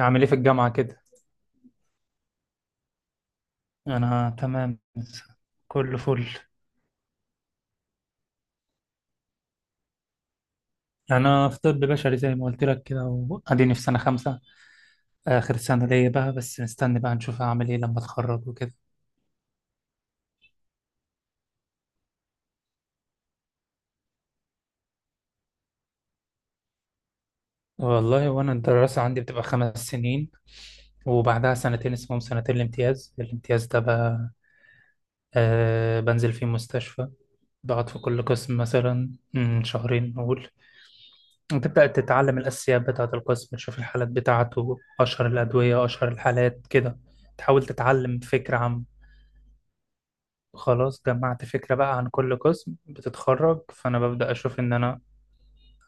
أعمل إيه في الجامعة كده؟ أنا تمام، كله فل. أنا في طب بشري زي ما قلت لك كده، وأديني في سنة 5. آخر سنة ليا بقى، بس مستني بقى نشوف هعمل إيه لما أتخرج وكده. والله، وأنا الدراسة عندي بتبقى 5 سنين، وبعدها سنتين اسمهم سنتين الامتياز. الامتياز ده بقى، آه، بنزل فيه مستشفى، بقعد في كل قسم مثلا شهرين نقول. وتبدأ تتعلم الأساسيات بتاعة القسم، تشوف الحالات بتاعته، أشهر الأدوية، أشهر الحالات كده، تحاول تتعلم فكرة عن... خلاص، جمعت فكرة بقى عن كل قسم، بتتخرج، فأنا ببدأ أشوف إن أنا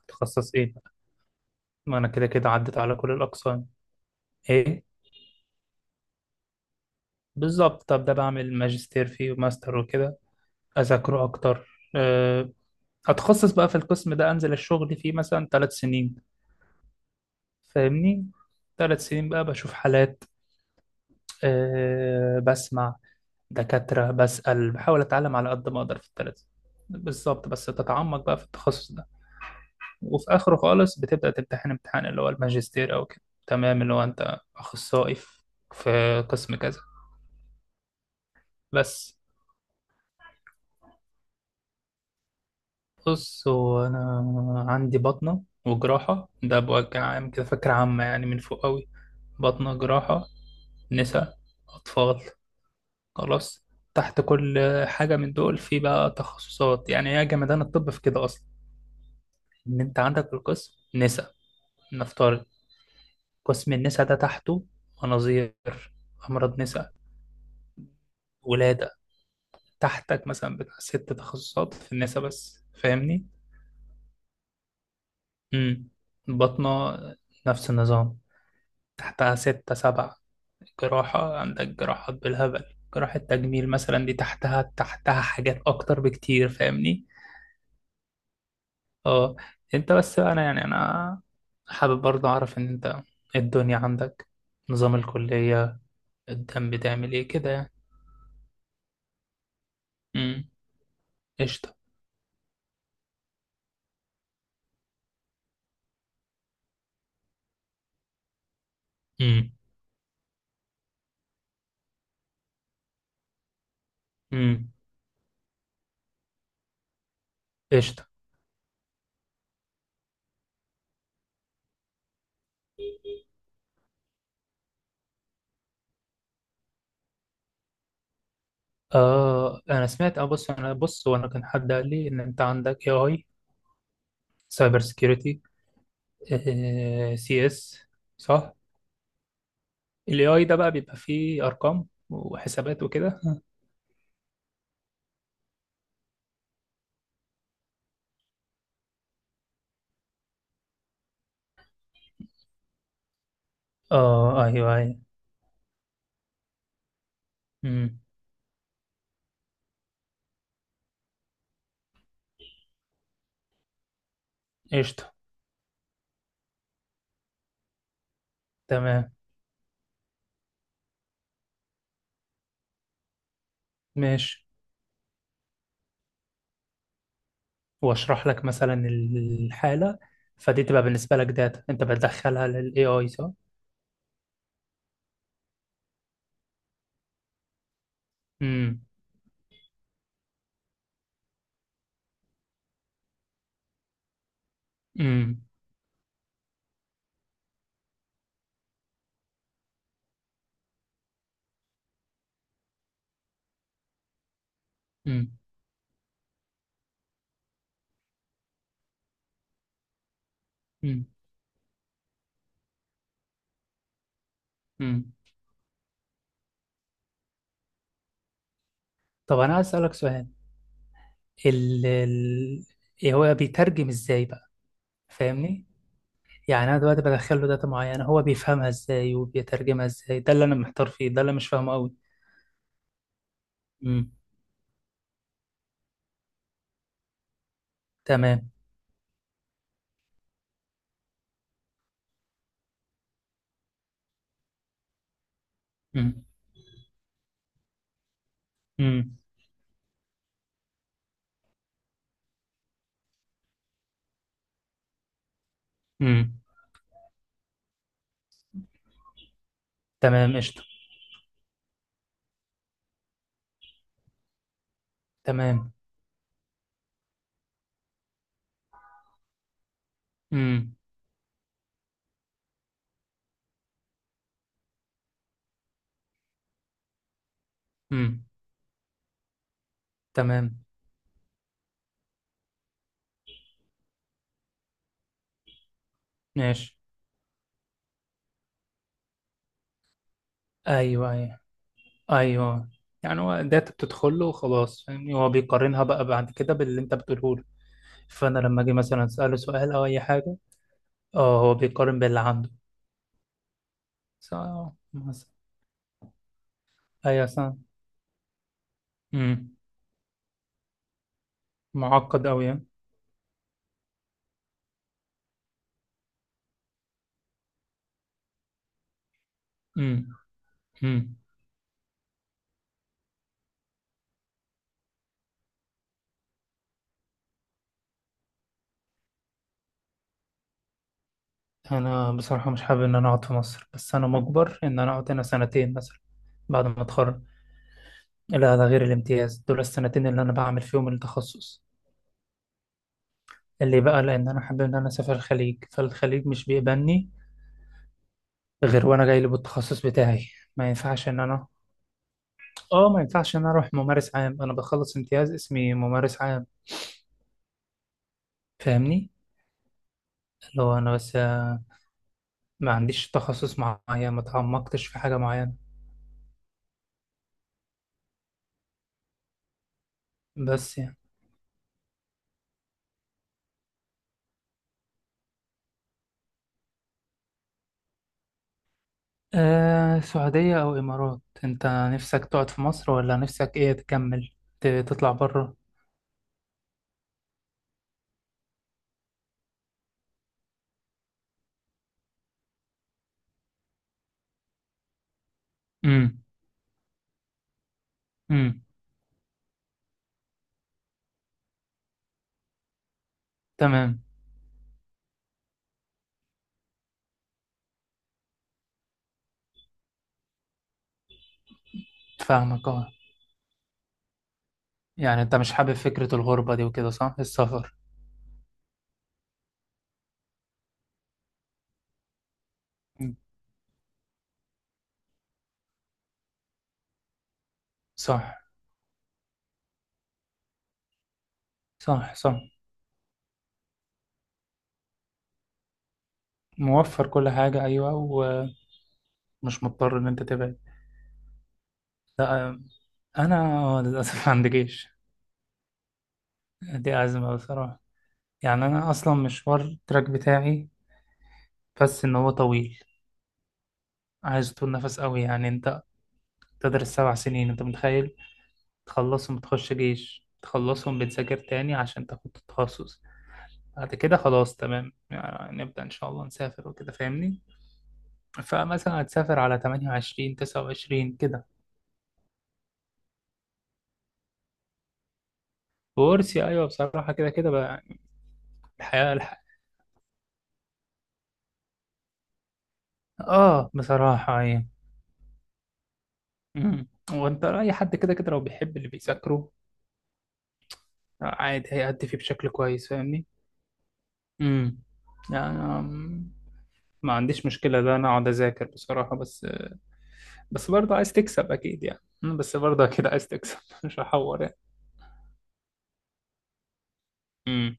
أتخصص إيه. ما أنا كده كده عدت على كل الأقسام. إيه، بالظبط. طب ده بعمل ماجستير فيه وماستر وكده، أذاكره أكتر، أه، أتخصص بقى في القسم ده، أنزل الشغل فيه مثلا 3 سنين. فاهمني؟ 3 سنين بقى بشوف حالات، بسمع دكاترة، بسأل، بحاول أتعلم على قد ما أقدر في التلاتة. بالظبط، بس تتعمق بقى في التخصص ده. وفي آخره خالص بتبدأ تمتحن امتحان، اللي هو الماجستير أو كده. تمام، اللي هو أنت أخصائي في في قسم كذا. بس. بص، هو أنا عندي بطنة وجراحة، ده بوجه عام كده، فكرة عامة يعني، من فوق أوي. بطنة، جراحة، نساء، أطفال. خلاص. تحت كل حاجة من دول في بقى تخصصات، يعني هي جمدان الطب في كده أصلا. إن أنت عندك القسم نساء، نفترض، قسم النساء ده تحته مناظير، أمراض نساء، ولادة، تحتك مثلا بتاع 6 تخصصات في النساء بس. فاهمني؟ امم. بطنة، نفس النظام، تحتها 6 7. جراحة، عندك جراحات بالهبل، جراحة تجميل مثلا، دي تحتها تحتها حاجات أكتر بكتير. فاهمني؟ اه انت بس بقى، انا حابب برضه اعرف ان انت إيه الدنيا عندك، نظام الكلية، الدم بتعمل ايه كده يعني. امم. قشطة. امم. امم. قشطة. آه، أنا سمعت. أه بص أنا بص، وأنا كان حد قال لي إن أنت عندك AI، سايبر سيكيورتي، سي إس، صح؟ ال AI ده بقى بيبقى فيه أرقام وحسابات وكده. آه، أيوه، أيوه. امم. قشطة. تمام. ماشي. وأشرح لك مثلا الحالة، فدي تبقى بالنسبة لك داتا أنت بتدخلها لل AI، صح؟ امم. امم. امم. امم. امم. طب أنا عايز أسألك سؤال. ال ال إيه هو بيترجم ازاي بقى؟ فاهمني؟ يعني انا دلوقتي بدخل له داتا معينه، هو بيفهمها ازاي وبيترجمها ازاي؟ ده اللي انا محتار فيه، ده اللي مش فاهمه قوي. امم. تمام. امم. امم. امم. تمام. قشطه. تمام. امم. امم. تمام. ماشي. ايوه، ايوه، ايوه، يعني هو داتا بتدخل له وخلاص، فاهمني؟ هو بيقارنها بقى بعد كده باللي انت بتقوله له. فانا لما اجي مثلا اساله سؤال او اي حاجه، اه، هو بيقارن باللي عنده. صح، مثلا. ايوه. امم. معقد أوي يعني. امم. امم. أنا بصراحة مش حابب إن أنا أقعد في مصر، بس أنا مجبر إن أنا أقعد هنا سنتين مثلا بعد ما أتخرج. لا، ده غير الامتياز، دول السنتين اللي أنا بعمل فيهم التخصص، اللي بقى لأن أنا حابب إن أنا أسافر الخليج، فالخليج مش بيقبلني غير وأنا جاي لي بالتخصص بتاعي. ما ينفعش إن أنا... آه، ما ينفعش إن أنا أروح ممارس عام، أنا بخلص امتياز اسمي ممارس عام. فاهمني؟ اللي هو أنا بس. ما عنديش تخصص معين، ما تعمقتش في حاجة معينة. بس يعني، سعودية أو إمارات، أنت نفسك تقعد في مصر ولا نفسك إيه، تكمل تطلع بره؟ امم. امم. تمام. فاهمك، أه. يعني أنت مش حابب فكرة الغربة دي وكده، صح؟ السفر؟ مم. صح، صح. صح، موفر كل حاجة، أيوة، ومش مضطر إن أنت تبعد. لا. أنا، للأسف عندي جيش. دي أزمة بصراحة. يعني أنا أصلا مشوار التراك بتاعي، بس إن هو طويل. عايز طول نفس قوي يعني، أنت تدرس 7 سنين، أنت متخيل؟ تخلصهم بتخش جيش، تخلصهم بتذاكر تاني عشان تاخد التخصص، بعد كده خلاص، تمام يعني، نبدأ إن شاء الله نسافر وكده، فاهمني؟ فمثلا هتسافر على 28، 29 كده. وورثي، أيوه، بصراحة كده كده بقى يعني. الحياة. آه، بصراحة، أيوه. مم. وأنت أي حد كده كده لو بيحب اللي بيذاكره، عادي هيأدي فيه بشكل كويس. فاهمني؟ امم. يعني ما عنديش مشكلة، ده أنا أقعد أذاكر بصراحة. بس بس برضه عايز تكسب اكيد يعني، بس برضه اكيد عايز تكسب مش هحور يعني. امم.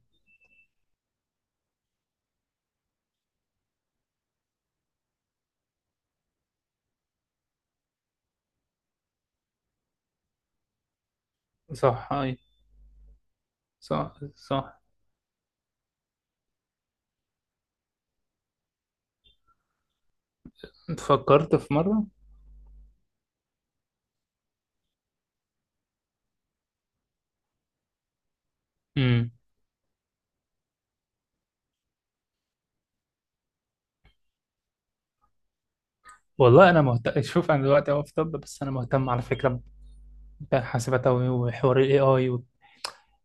صح، اي، صح، صح. انت فكرت في مرة؟ امم. والله انا مهتم. شوف، انا دلوقتي اهو في طب، بس انا مهتم على فكرة بحاسبات أوي، وحوار الاي اي و...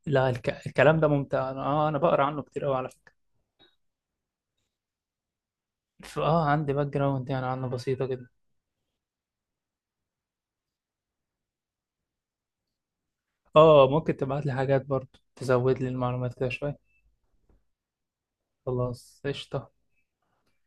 لا، الكلام ده ممتع. انا بقرا عنه كتير قوي على فكرة. عندي باك جراوند يعني عنه بسيطة كده. اه، ممكن تبعت لي حاجات برضه تزود لي المعلومات كده شوية. خلاص، قشطة.